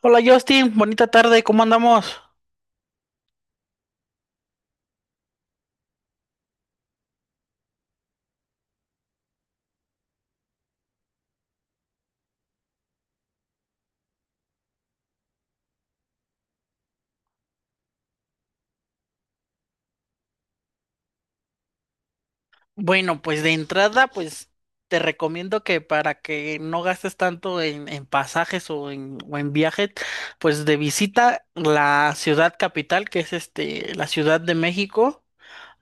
Hola Justin, bonita tarde, ¿cómo andamos? Bueno, pues de entrada, pues te recomiendo que para que no gastes tanto en pasajes o en viajes, pues de visita la ciudad capital, la Ciudad de México.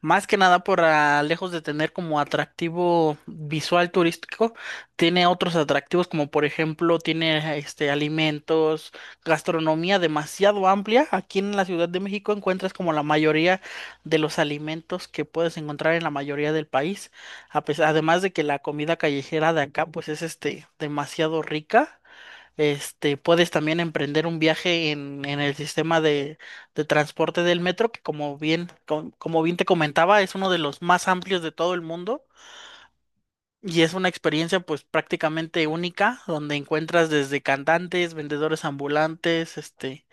Más que nada lejos de tener como atractivo visual turístico, tiene otros atractivos como por ejemplo tiene alimentos, gastronomía demasiado amplia. Aquí en la Ciudad de México encuentras como la mayoría de los alimentos que puedes encontrar en la mayoría del país. Además de que la comida callejera de acá pues es demasiado rica. Puedes también emprender un viaje en el sistema de transporte del metro, que como bien te comentaba, es uno de los más amplios de todo el mundo y es una experiencia pues prácticamente única, donde encuentras desde cantantes, vendedores ambulantes,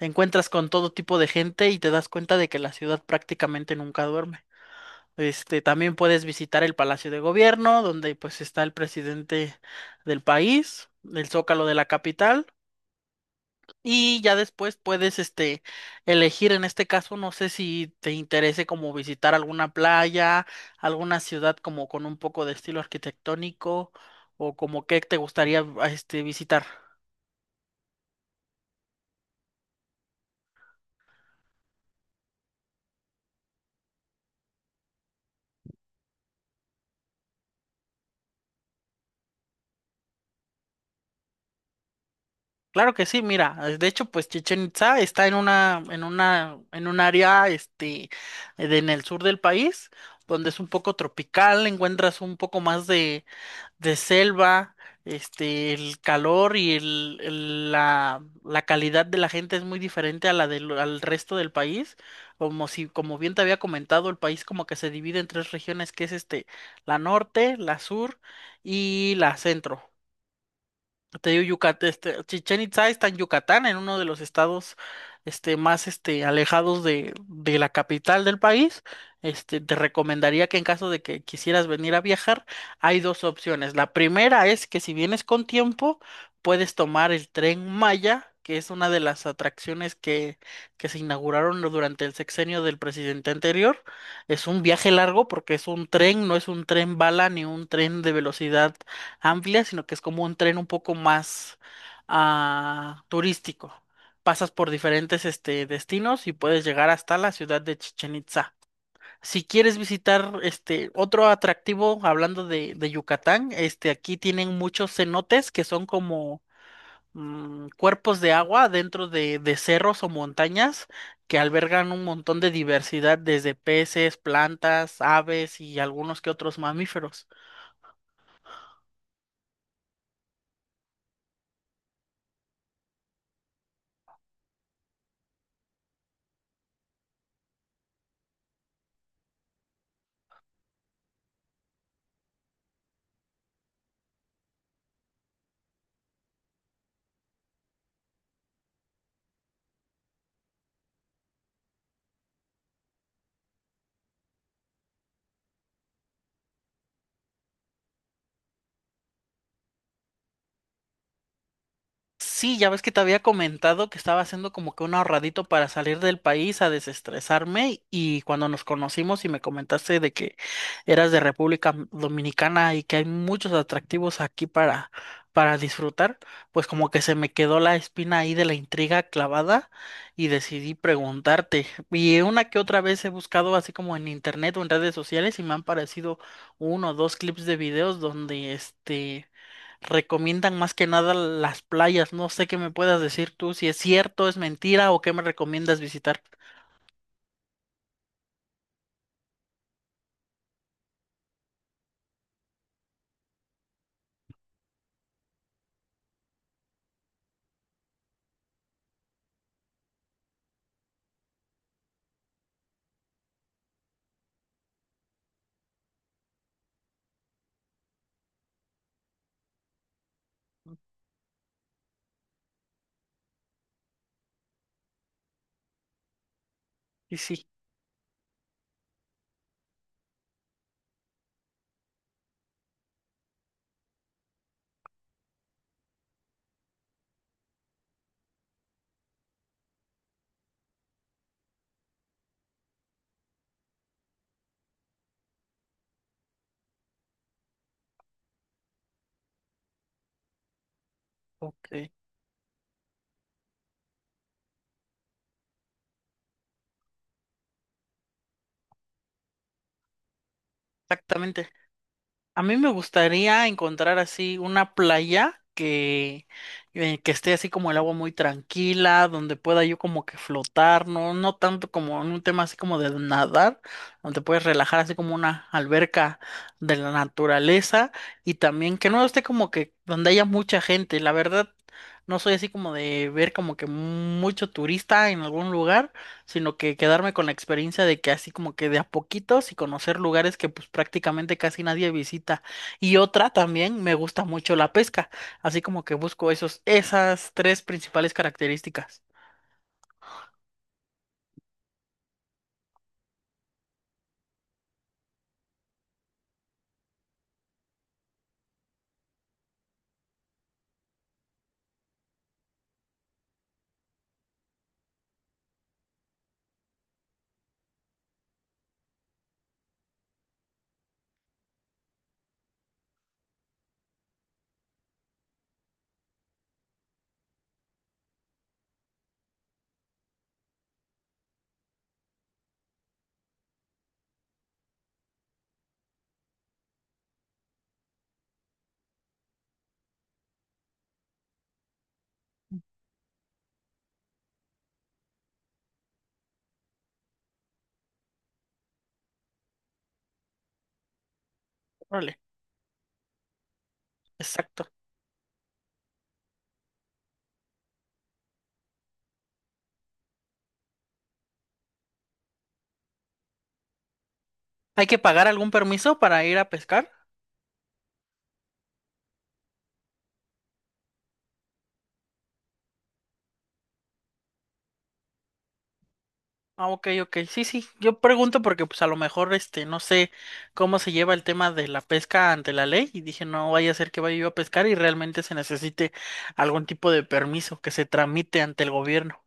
encuentras con todo tipo de gente y te das cuenta de que la ciudad prácticamente nunca duerme. También puedes visitar el Palacio de Gobierno, donde pues está el presidente del país, el Zócalo de la capital. Y ya después puedes, elegir, en este caso, no sé si te interese como visitar alguna playa, alguna ciudad como con un poco de estilo arquitectónico o como qué te gustaría, visitar. Claro que sí, mira, de hecho, pues Chichen Itza está en una, en un área, en el sur del país, donde es un poco tropical, encuentras un poco más de selva, el calor y la calidad de la gente es muy diferente a la del al resto del país. Como si, como bien te había comentado, el país como que se divide en tres regiones, la norte, la sur y la centro. Te digo, Yucatán, Chichén Itzá está en Yucatán, en uno de los estados alejados de la capital del país. Te recomendaría que en caso de que quisieras venir a viajar, hay dos opciones. La primera es que si vienes con tiempo, puedes tomar el tren Maya, que es una de las atracciones que se inauguraron durante el sexenio del presidente anterior. Es un viaje largo porque es un tren, no es un tren bala ni un tren de velocidad amplia, sino que es como un tren un poco más turístico. Pasas por diferentes destinos y puedes llegar hasta la ciudad de Chichen Itza. Si quieres visitar este otro atractivo, hablando de Yucatán, aquí tienen muchos cenotes que son como cuerpos de agua dentro de cerros o montañas que albergan un montón de diversidad, desde peces, plantas, aves y algunos que otros mamíferos. Sí, ya ves que te había comentado que estaba haciendo como que un ahorradito para salir del país a desestresarme, y cuando nos conocimos y me comentaste de que eras de República Dominicana y que hay muchos atractivos aquí para disfrutar, pues como que se me quedó la espina ahí de la intriga clavada y decidí preguntarte. Y una que otra vez he buscado así como en internet o en redes sociales y me han parecido uno o dos clips de videos donde recomiendan más que nada las playas. No sé qué me puedas decir tú, si es cierto, es mentira o qué me recomiendas visitar. Y sí, ok, exactamente. A mí me gustaría encontrar así una playa que esté así como el agua muy tranquila, donde pueda yo como que flotar, no, no tanto como en un tema así como de nadar, donde puedes relajar así como una alberca de la naturaleza y también que no esté como que donde haya mucha gente. La verdad, no soy así como de ver como que mucho turista en algún lugar sino que quedarme con la experiencia de que así como que de a poquitos y conocer lugares que pues prácticamente casi nadie visita. Y otra también, me gusta mucho la pesca, así como que busco esos, esas tres principales características. Órale, exacto. ¿Hay que pagar algún permiso para ir a pescar? Ah, ok, ok, sí, sí. Yo pregunto porque pues a lo mejor no sé cómo se lleva el tema de la pesca ante la ley y dije no vaya a ser que vaya yo a pescar y realmente se necesite algún tipo de permiso que se tramite ante el gobierno.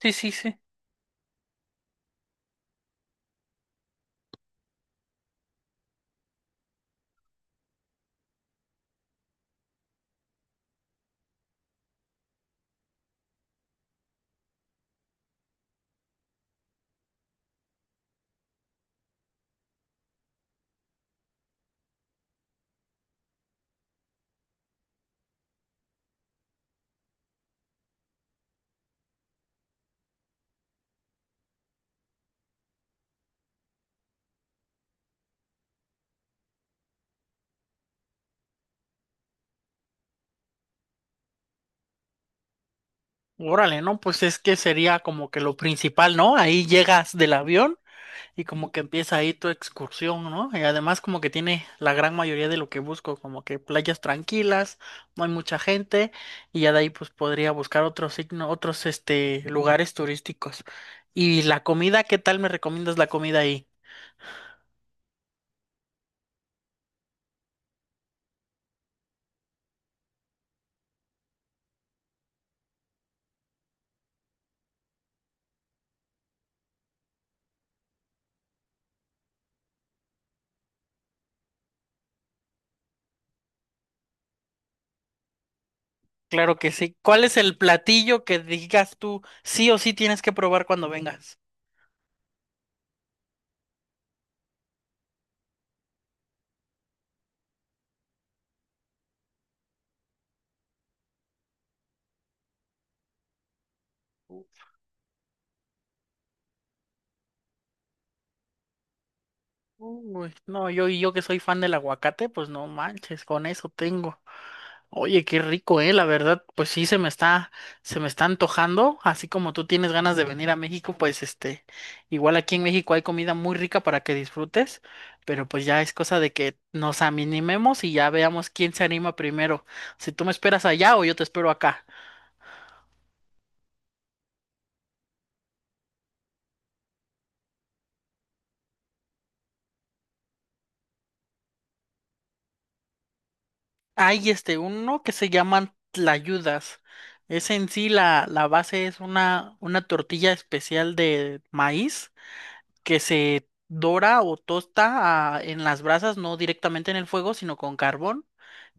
Sí, sí, sí. Órale, ¿no? Pues es que sería como que lo principal, ¿no? Ahí llegas del avión y como que empieza ahí tu excursión, ¿no? Y además como que tiene la gran mayoría de lo que busco, como que playas tranquilas, no hay mucha gente, y ya de ahí pues podría buscar otros signos, otros lugares turísticos. ¿Y la comida? ¿Qué tal me recomiendas la comida ahí? Claro que sí. ¿Cuál es el platillo que digas tú sí o sí tienes que probar cuando vengas? Uy, no, yo que soy fan del aguacate, pues no manches, con eso tengo. Oye, qué rico, la verdad, pues se me está antojando, así como tú tienes ganas de venir a México, pues igual aquí en México hay comida muy rica para que disfrutes, pero pues ya es cosa de que nos animemos y ya veamos quién se anima primero, si tú me esperas allá o yo te espero acá. Hay uno que se llaman tlayudas. Es en sí la base es una tortilla especial de maíz que se dora o tosta en las brasas, no directamente en el fuego, sino con carbón.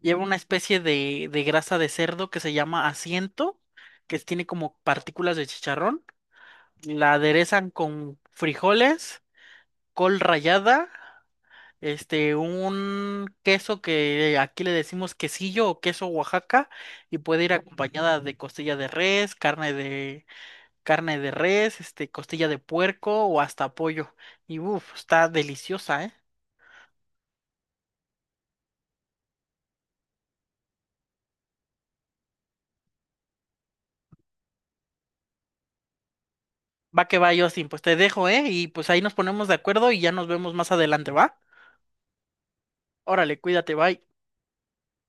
Lleva una especie de grasa de cerdo que se llama asiento, que tiene como partículas de chicharrón. La aderezan con frijoles, col rallada, un queso que aquí le decimos quesillo o queso Oaxaca y puede ir acompañada de costilla de res, carne de res, costilla de puerco o hasta pollo. Y uff, está deliciosa, ¿eh? Va que va, Justin, pues te dejo, ¿eh? Y pues ahí nos ponemos de acuerdo y ya nos vemos más adelante, ¿va? Órale, cuídate, bye.